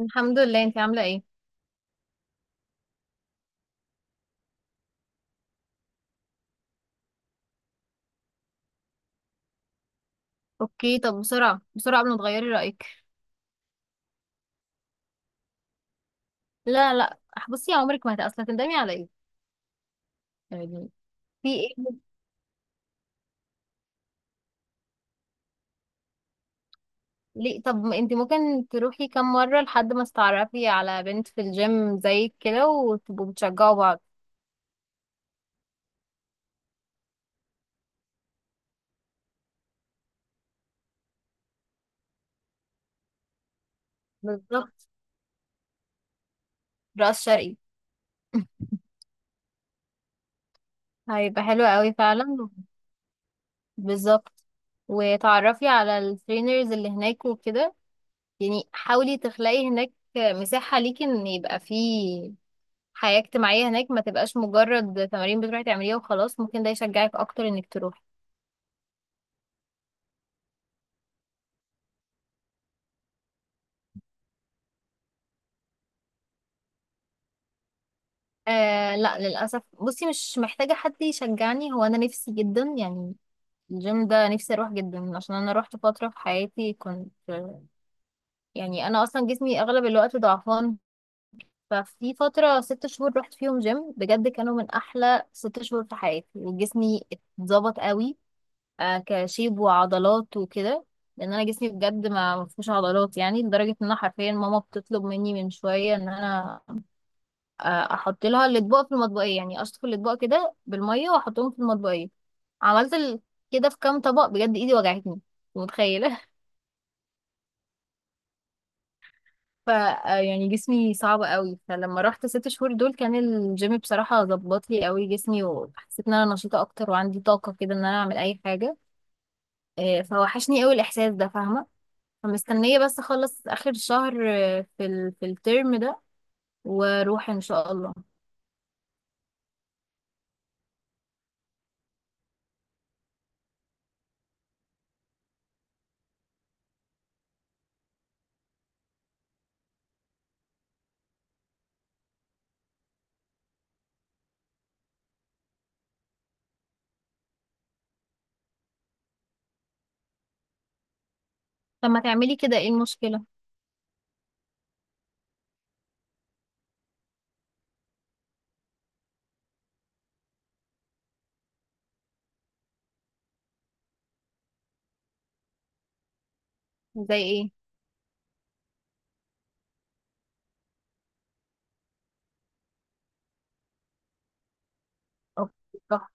الحمد لله. انت عامله ايه؟ اوكي، طب بسرعه بسرعه قبل ما تغيري رايك. لا لا. بصي، يا عمرك ما اصلا تندمي على ايه؟ يعني في ايه؟ ليه؟ طب ما انت ممكن تروحي كام مره لحد ما تتعرفي على بنت في الجيم زيك كده وتبقوا بتشجعوا بعض. بالظبط. راس شرقي. هيبقى حلو قوي فعلا. بالظبط. وتعرفي على الترينرز اللي هناك وكده. يعني حاولي تخلقي هناك مساحه ليكي ان يبقى فيه حياة اجتماعية هناك، ما تبقاش مجرد تمارين بتروحي تعمليها وخلاص. ممكن ده يشجعك اكتر انك تروحي. آه لا، للأسف بصي مش محتاجة حد يشجعني، هو انا نفسي جدا يعني. الجيم ده نفسي اروح جدا، عشان انا روحت فترة في حياتي كنت، يعني انا اصلا جسمي اغلب الوقت ضعفان. ففي فترة 6 شهور رحت فيهم جيم بجد، كانوا من احلى 6 شهور في حياتي، وجسمي اتظبط قوي. كشيب وعضلات وكده، لان انا جسمي بجد ما فيهوش عضلات. يعني لدرجه ان انا حرفيا ماما بتطلب مني من شويه ان انا، آه، احط لها الاطباق في المطبقيه. يعني اشطف الاطباق كده بالميه واحطهم في المطبقيه. عملت ال- كده في كام طبق بجد ايدي وجعتني. متخيله؟ ف آه، يعني جسمي صعب قوي. فلما رحت 6 شهور دول كان الجيم بصراحه ظبط لي قوي جسمي، وحسيت ان انا نشيطه اكتر وعندي طاقه كده ان انا اعمل اي حاجه. فوحشني قوي الاحساس ده، فاهمه؟ فمستنية بس اخلص اخر شهر في الترم ده واروح ان شاء الله. طب ما تعملي كده، ايه المشكلة؟ زي ايه؟ اوكي. صح.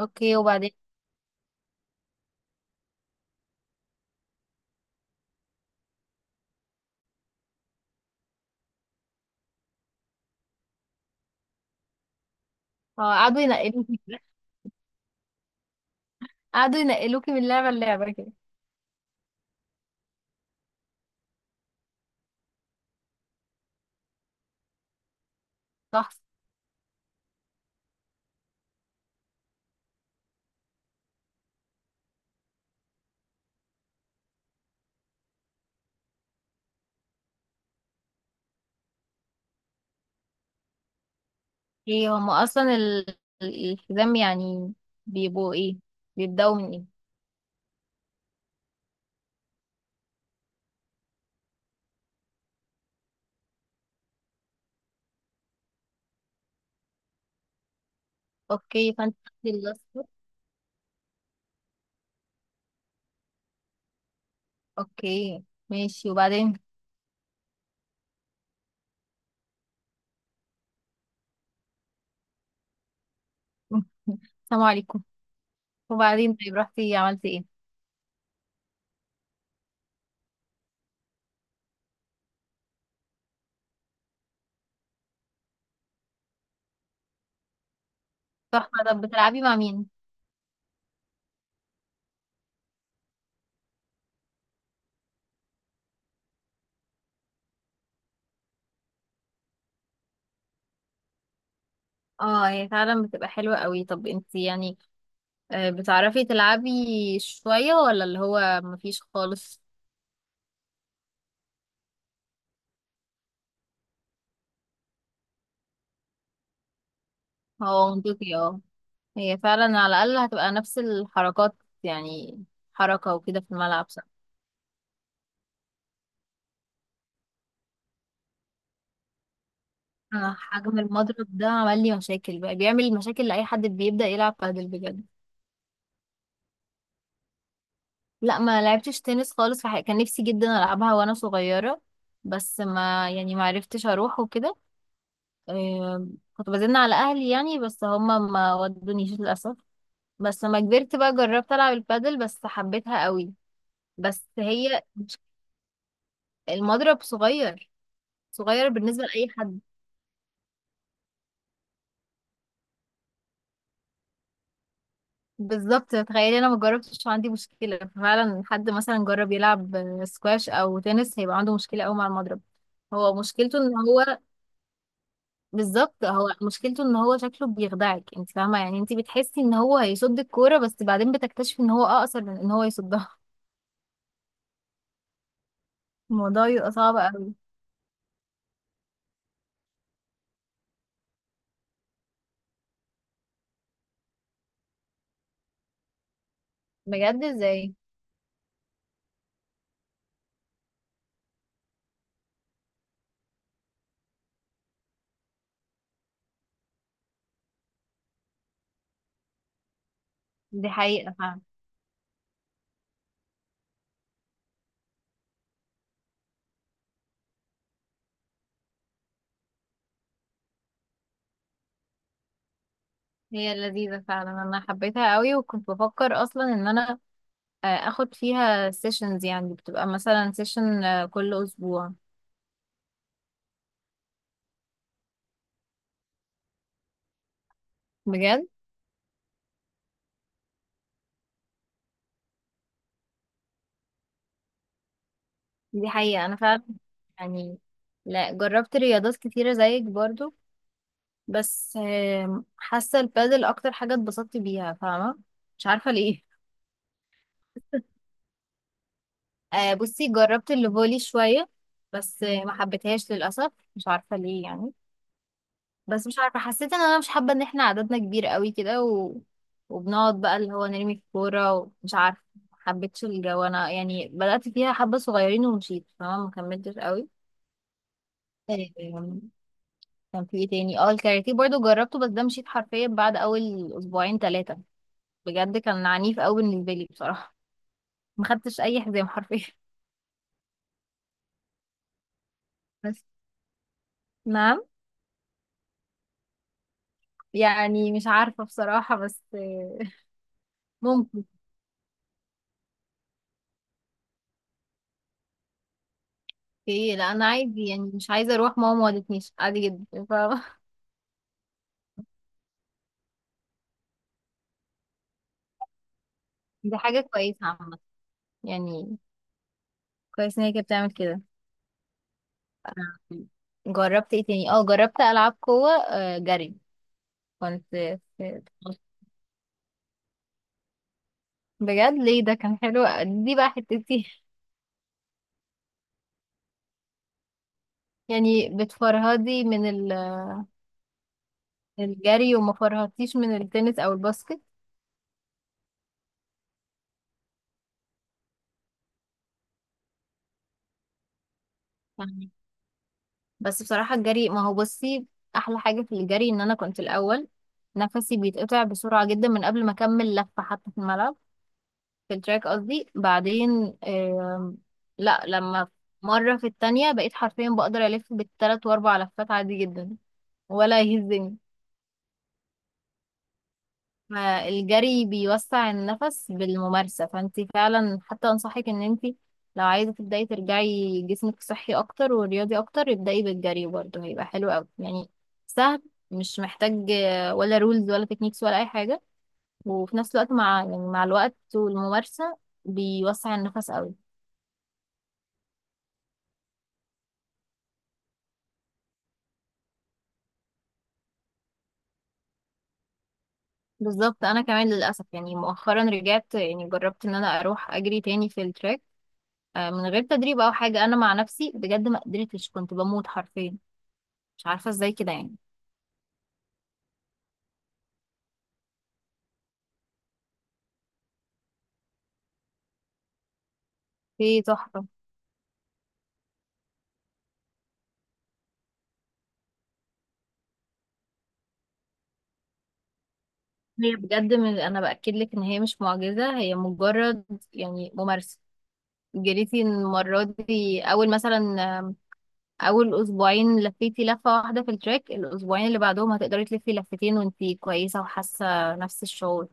اوكي، وبعدين؟ اه قعدوا ينقلوكي. قعدوا ينقلوكي من لعبة للعبة كده. صح. ايه هما اصلا الحزام يعني بيبقوا ايه؟ بيبدأوا من ايه؟ اوكي، فانت تاخدي الاصفر. اوكي، ماشي وبعدين؟ السلام عليكم. وبعدين؟ طيب رحتي عملتي ايه؟ تحفة. طب بتلعبي مع مين؟ اه، هي فعلا بتبقى حلوة قوي. طب انت يعني بتعرفي تلعبي شوية ولا اللي هو مفيش خالص؟ هو منطقي، اه. هي فعلا على الأقل هتبقى نفس الحركات يعني، حركة وكده في الملعب، صح؟ انا حجم المضرب ده عمل لي مشاكل بقى. بيعمل مشاكل لأي حد بيبدأ يلعب بادل بجد. لا ما لعبتش تنس خالص في حقيقة. كان نفسي جدا ألعبها وانا صغيرة بس ما يعني ما عرفتش اروح وكده. آه، كنت بزن على اهلي يعني، بس هما ما ودونيش للاسف. بس لما كبرت بقى جربت العب البادل، بس حبيتها قوي. بس هي، المضرب صغير، صغير بالنسبه لاي حد. بالظبط، تخيلي انا ما جربتش عندي مشكله فعلا. حد مثلا جرب يلعب سكواش او تنس هيبقى عنده مشكله قوي مع المضرب. هو مشكلته ان هو، بالظبط هو مشكلته ان هو شكله بيخدعك، انت فاهمه؟ يعني انت بتحسي ان هو هيصد الكوره، بس بعدين بتكتشفي ان هو اقصر من ان هو يصدها. الموضوع بيبقى صعب قوي. بجد؟ ازاي؟ دي حقيقه. هي لذيذة فعلا، انا حبيتها قوي، وكنت بفكر اصلا ان انا اخد فيها سيشنز. يعني بتبقى مثلا سيشن كل اسبوع. بجد؟ دي حقيقة، انا فعلا يعني، لا جربت رياضات كتيرة زيك برضو، بس حاسة البادل اكتر حاجة اتبسطت بيها، فاهمة؟ مش عارفة ليه. بصي جربت الفولي شوية، بس ما حبيتهاش للأسف، مش عارفة ليه يعني. بس مش عارفة حسيت ان انا مش حابة ان احنا عددنا كبير قوي كده، و... وبنقعد بقى اللي هو نرمي الكورة، ومش عارفة، محبتش الجو انا يعني. بدأت فيها حبة صغيرين ومشيت، فما مكملتش قوي. آم، كان في ايه تاني؟ اه الكاراتيه برضو جربته، بس ده مشيت حرفيا بعد اول 2 او 3 اسابيع. بجد كان عنيف قوي بالنسبة لي بصراحة. ما خدتش اي حزام حرفيا. بس. نعم؟ يعني مش عارفة بصراحة، بس ممكن. ايه لا انا عادي، يعني مش عايزة اروح، ماما ما ودتنيش عادي جدا. دي حاجة كويسة عامة يعني، كويس ان هي كانت بتعمل كده. جربت ايه تاني؟ اه جربت العاب قوة، جري. كنت في- في- بجد ليه؟ ده كان حلو، دي بقى حتتي. يعني بتفرهدي من الجري وما فرهدتيش من التنس او الباسكت؟ فاهمة. بس بصراحة الجري، ما هو بصي احلى حاجة في الجري، ان انا كنت الاول نفسي بيتقطع بسرعة جدا من قبل ما اكمل لفة حتى في الملعب، في التراك قصدي. بعدين لا، لما مرة في التانية بقيت حرفيا بقدر ألف بـ3 و4 لفات عادي جدا ولا يهزني. فالجري بيوسع النفس بالممارسة، فانت فعلا حتى أنصحك إن انت لو عايزة تبدأي ترجعي جسمك صحي أكتر ورياضي أكتر، ابدأي بالجري، برضه هيبقى حلو أوي يعني. سهل، مش محتاج ولا رولز ولا تكنيكس ولا أي حاجة، وفي نفس الوقت مع، يعني مع الوقت والممارسة، بيوسع النفس أوي. بالظبط، انا كمان للاسف يعني مؤخرا رجعت يعني جربت ان انا اروح اجري تاني في التراك، من غير تدريب او حاجه. انا مع نفسي بجد ما قدرتش، كنت بموت حرفيا، مش عارفه ازاي كده يعني. في تحفه، هي بجد، من انا باكد لك ان هي مش معجزه، هي مجرد يعني ممارسه. جريتي المره دي اول مثلا، آم، اول 2 اسبوع لفيتي لفه 1 في التراك. الاسبوعين اللي بعدهم هتقدري تلفي 2 لفات وانتي كويسه وحاسه نفس الشعور.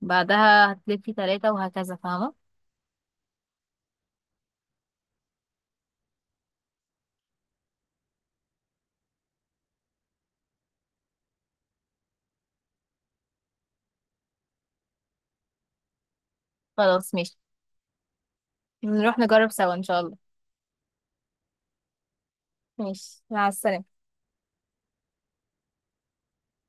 بعدها هتلفي 3، وهكذا، فاهمه؟ خلاص ماشي. نروح نجرب سوا ان شاء الله. ماشي، مع السلامة.